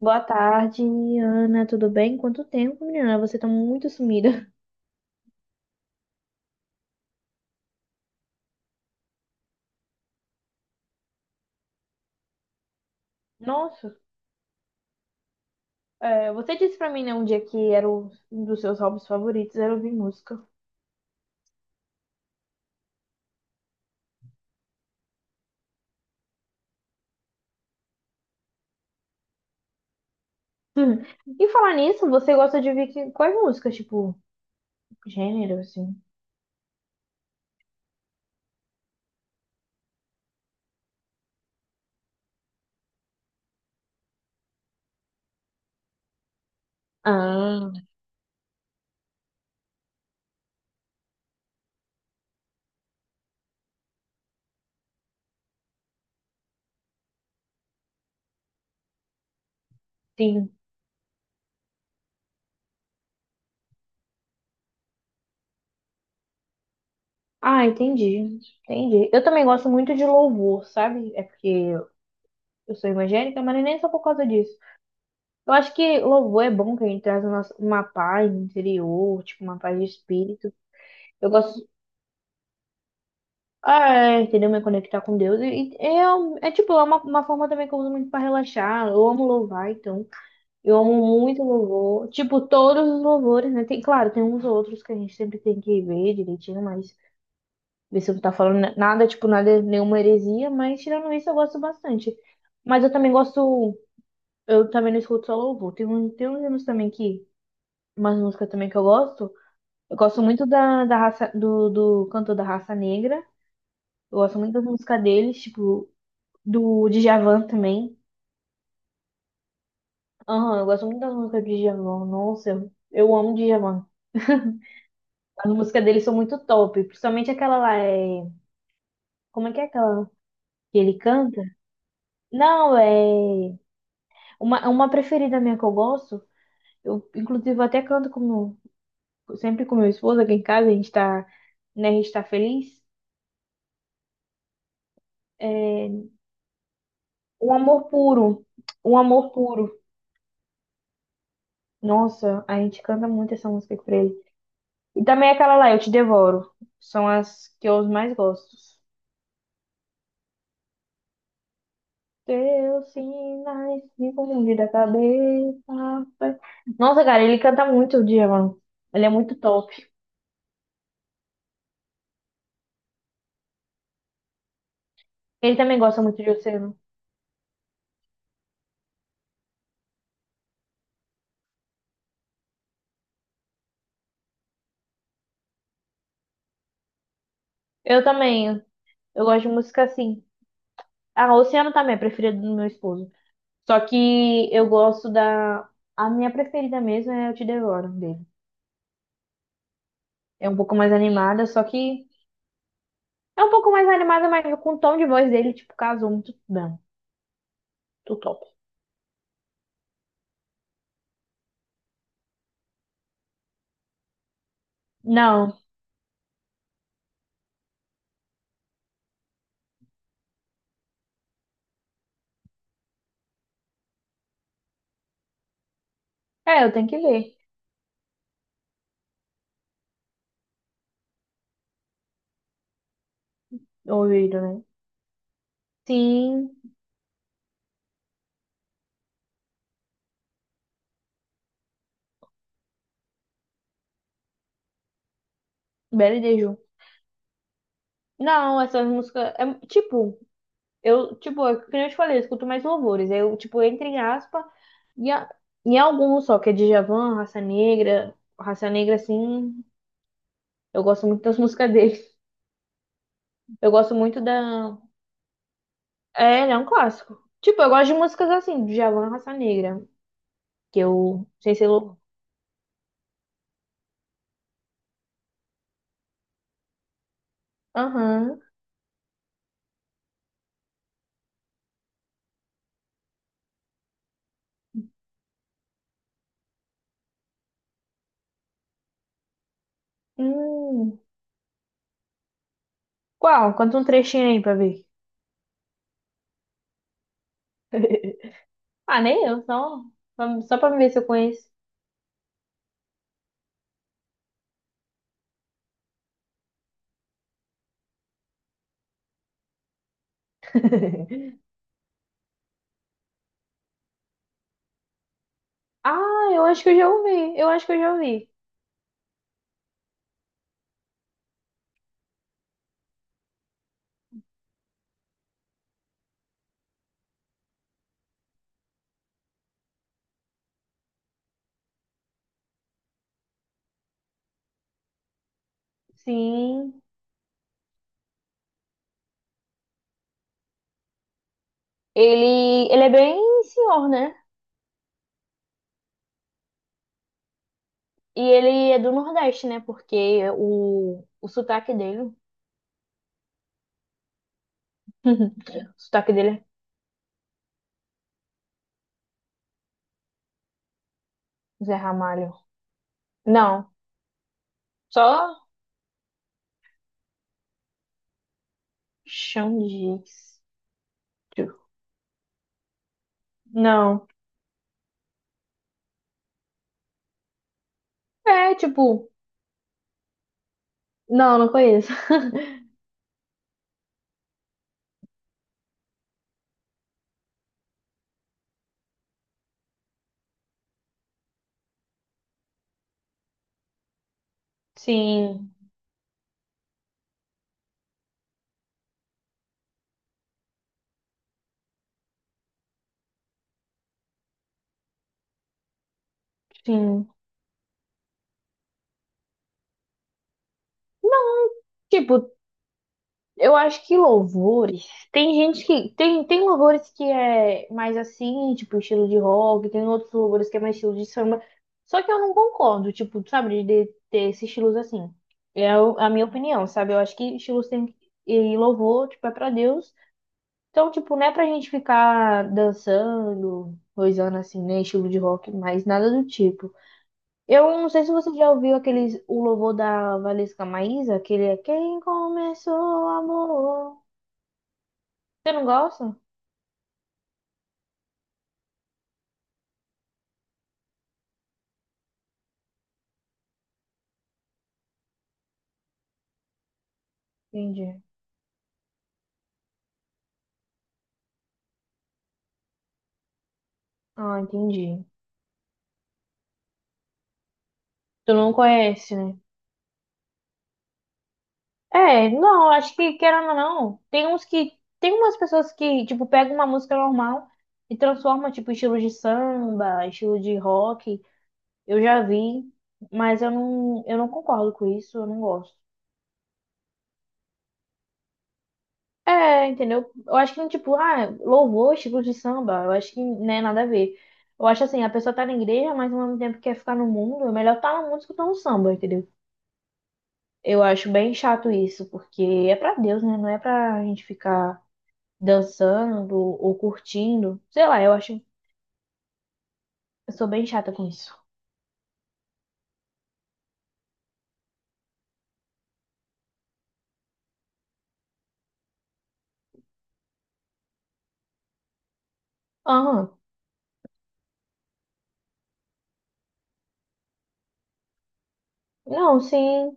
Boa tarde, Ana. Tudo bem? Quanto tempo, menina? Você tá muito sumida. Nossa, é, você disse pra mim, né, um dia que era um dos seus hobbies favoritos, era ouvir música. E falar nisso, você gosta de ouvir quais músicas? Tipo, gênero, assim? Ah, sim. Ah, entendi. Entendi. Eu também gosto muito de louvor, sabe? É porque eu sou evangélica, mas nem só por causa disso. Eu acho que louvor é bom que a gente traz uma paz interior, tipo, uma paz de espírito. Eu gosto. Ah, é, entendeu? Me conectar com Deus. E é, um- é tipo, é uma forma também que eu uso muito pra relaxar. Eu amo louvar, então. Eu amo muito louvor. Tipo, todos os louvores, né? Tem, claro, tem uns outros que a gente sempre tem que ver direitinho, mas ver se eu não tá falando nada, tipo, nada, nenhuma heresia, mas tirando isso, eu gosto bastante. Mas eu também gosto. Eu também não escuto só louvor. Tem, um, tem uns anos também que. Umas músicas também que eu gosto. Eu gosto muito da, da raça, do, do cantor da raça negra. Eu gosto muito das músicas deles, tipo. Do Djavan também. Aham, eu gosto muito das músicas do Djavan. Nossa, eu amo Djavan. As músicas dele são muito top, principalmente aquela lá, Como é que é aquela que ele canta? Não, é... uma preferida minha que eu gosto, eu inclusive eu até canto com sempre com meu esposo aqui em casa, a gente tá, né, a gente tá feliz. É... Um Amor Puro, Um Amor Puro. Nossa, a gente canta muito essa música pra ele. E também é aquela lá, Eu Te Devoro. São as que eu mais gosto. Teus sinais me confundem da cabeça. Nossa, cara, ele canta muito o Djavan. Ele é muito top. Ele também gosta muito de Oceano. Eu também. Eu gosto de música assim. Ah, Oceano também é preferida do meu esposo. Só que eu gosto da. A minha preferida mesmo é Eu Te Devoro, dele. É um pouco mais animada, só que. É um pouco mais animada, mas com o tom de voz dele, tipo, casou muito bem. Muito top. Não. É, eu tenho que ler. Ouvido, né? Sim. Belo e não, essas músicas. É, tipo, eu, tipo, é que nem eu te falei, eu escuto mais louvores. Eu, tipo, entre em aspa e a- em alguns só, que é Djavan, Raça Negra. Raça Negra, assim, eu gosto muito das músicas dele. Eu gosto muito da. É, ele é um clássico. Tipo, eu gosto de músicas assim, Djavan, Raça Negra. Que eu. Sem ser louvor. Aham. Hum. Qual? Conta um trechinho aí pra ver. Ah, nem eu, só. Só pra ver se eu conheço. Ah, eu acho que eu já ouvi. Eu acho que eu já ouvi. Sim, ele é bem senhor, né? E ele é do Nordeste, né? Porque o sotaque dele. O sotaque dele é Zé Ramalho. Não. Só chão de jeito. Não. É, tipo, não, não conheço. Sim, sim. Tipo, eu acho que louvores. Tem gente que. Tem, tem louvores que é mais assim, tipo, estilo de rock, tem outros louvores que é mais estilo de samba. Só que eu não concordo, tipo, sabe, de ter esses estilos assim. É a minha opinião, sabe? Eu acho que estilos tem que. E louvor, tipo, é pra Deus. Então, tipo, não é pra gente ficar dançando, coisando assim, né? Estilo de rock, mas nada do tipo. Eu não sei se você já ouviu aqueles, o louvor da Valesca Maísa, aquele é Quem começou o amor. Você não gosta? Entendi. Ah, entendi. Tu não conhece, né? É, não, eu acho que, querendo ou não, tem uns que. Tem umas pessoas que, tipo, pegam uma música normal e transforma, tipo, estilo de samba, estilo de rock. Eu já vi, mas eu não concordo com isso, eu não gosto. É, entendeu? Eu acho que, tipo, ah, louvor, estilo de samba, eu acho que não é nada a ver. Eu acho assim, a pessoa tá na igreja, mas ao mesmo tempo quer ficar no mundo, é melhor tá na música do tá samba, entendeu? Eu acho bem chato isso, porque é pra Deus, né? Não é pra gente ficar dançando ou curtindo. Sei lá, eu acho. Eu sou bem chata com isso. Aham. Não, sim.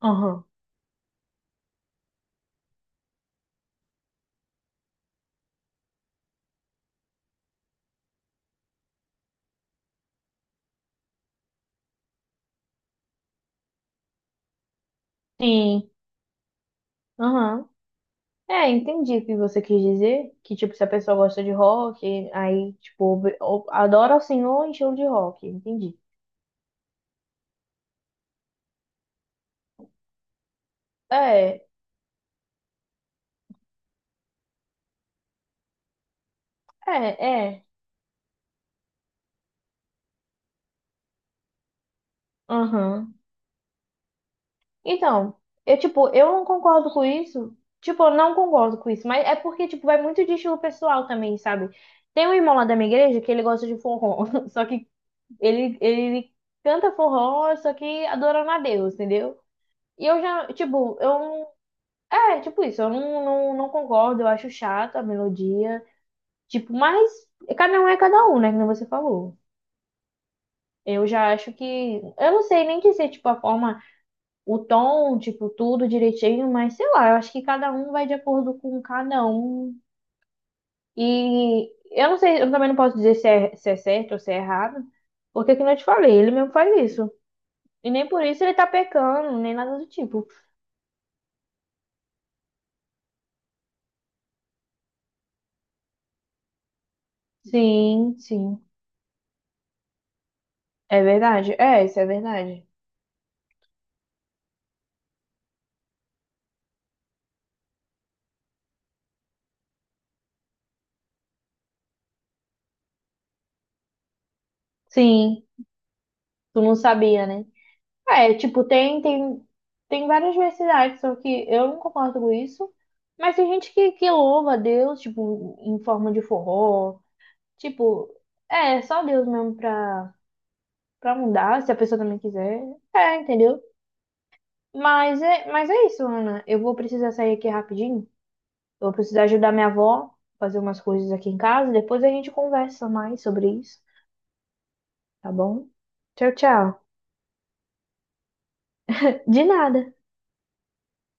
Aham. Sim. Aham. É, entendi o que você quis dizer. Que, tipo, se a pessoa gosta de rock, aí, tipo, adora assim, o senhor em estilo de rock. Entendi. É, é, é. Aham. Então, eu, tipo, eu não concordo com isso. Tipo, eu não concordo com isso, mas é porque, tipo, vai muito de estilo pessoal também, sabe? Tem um irmão lá da minha igreja que ele gosta de forró, só que ele canta forró, só que adorando a Deus, entendeu? E eu já, tipo, eu não. É, tipo isso, eu não, não, não concordo, eu acho chato a melodia. Tipo, mas cada um é cada um, né? Como você falou. Eu já acho que. Eu não sei nem dizer, tipo, a forma o tom, tipo, tudo direitinho, mas sei lá, eu acho que cada um vai de acordo com cada um. E eu não sei, eu também não posso dizer se é, se é certo ou se é errado, porque que eu te falei, ele mesmo faz isso. E nem por isso ele tá pecando, nem nada do tipo. Sim, sim. É verdade. É, isso é verdade. Sim, tu não sabia, né? É, tipo, tem várias diversidades, só que eu não concordo com isso. Mas tem gente que louva a Deus, tipo, em forma de forró. Tipo, é só Deus mesmo pra, pra mudar, se a pessoa também quiser. É, entendeu? Mas é isso, Ana. Eu vou precisar sair aqui rapidinho. Eu vou precisar ajudar minha avó a fazer umas coisas aqui em casa. Depois a gente conversa mais sobre isso, tá bom? Tchau, tchau. De nada.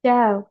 Tchau.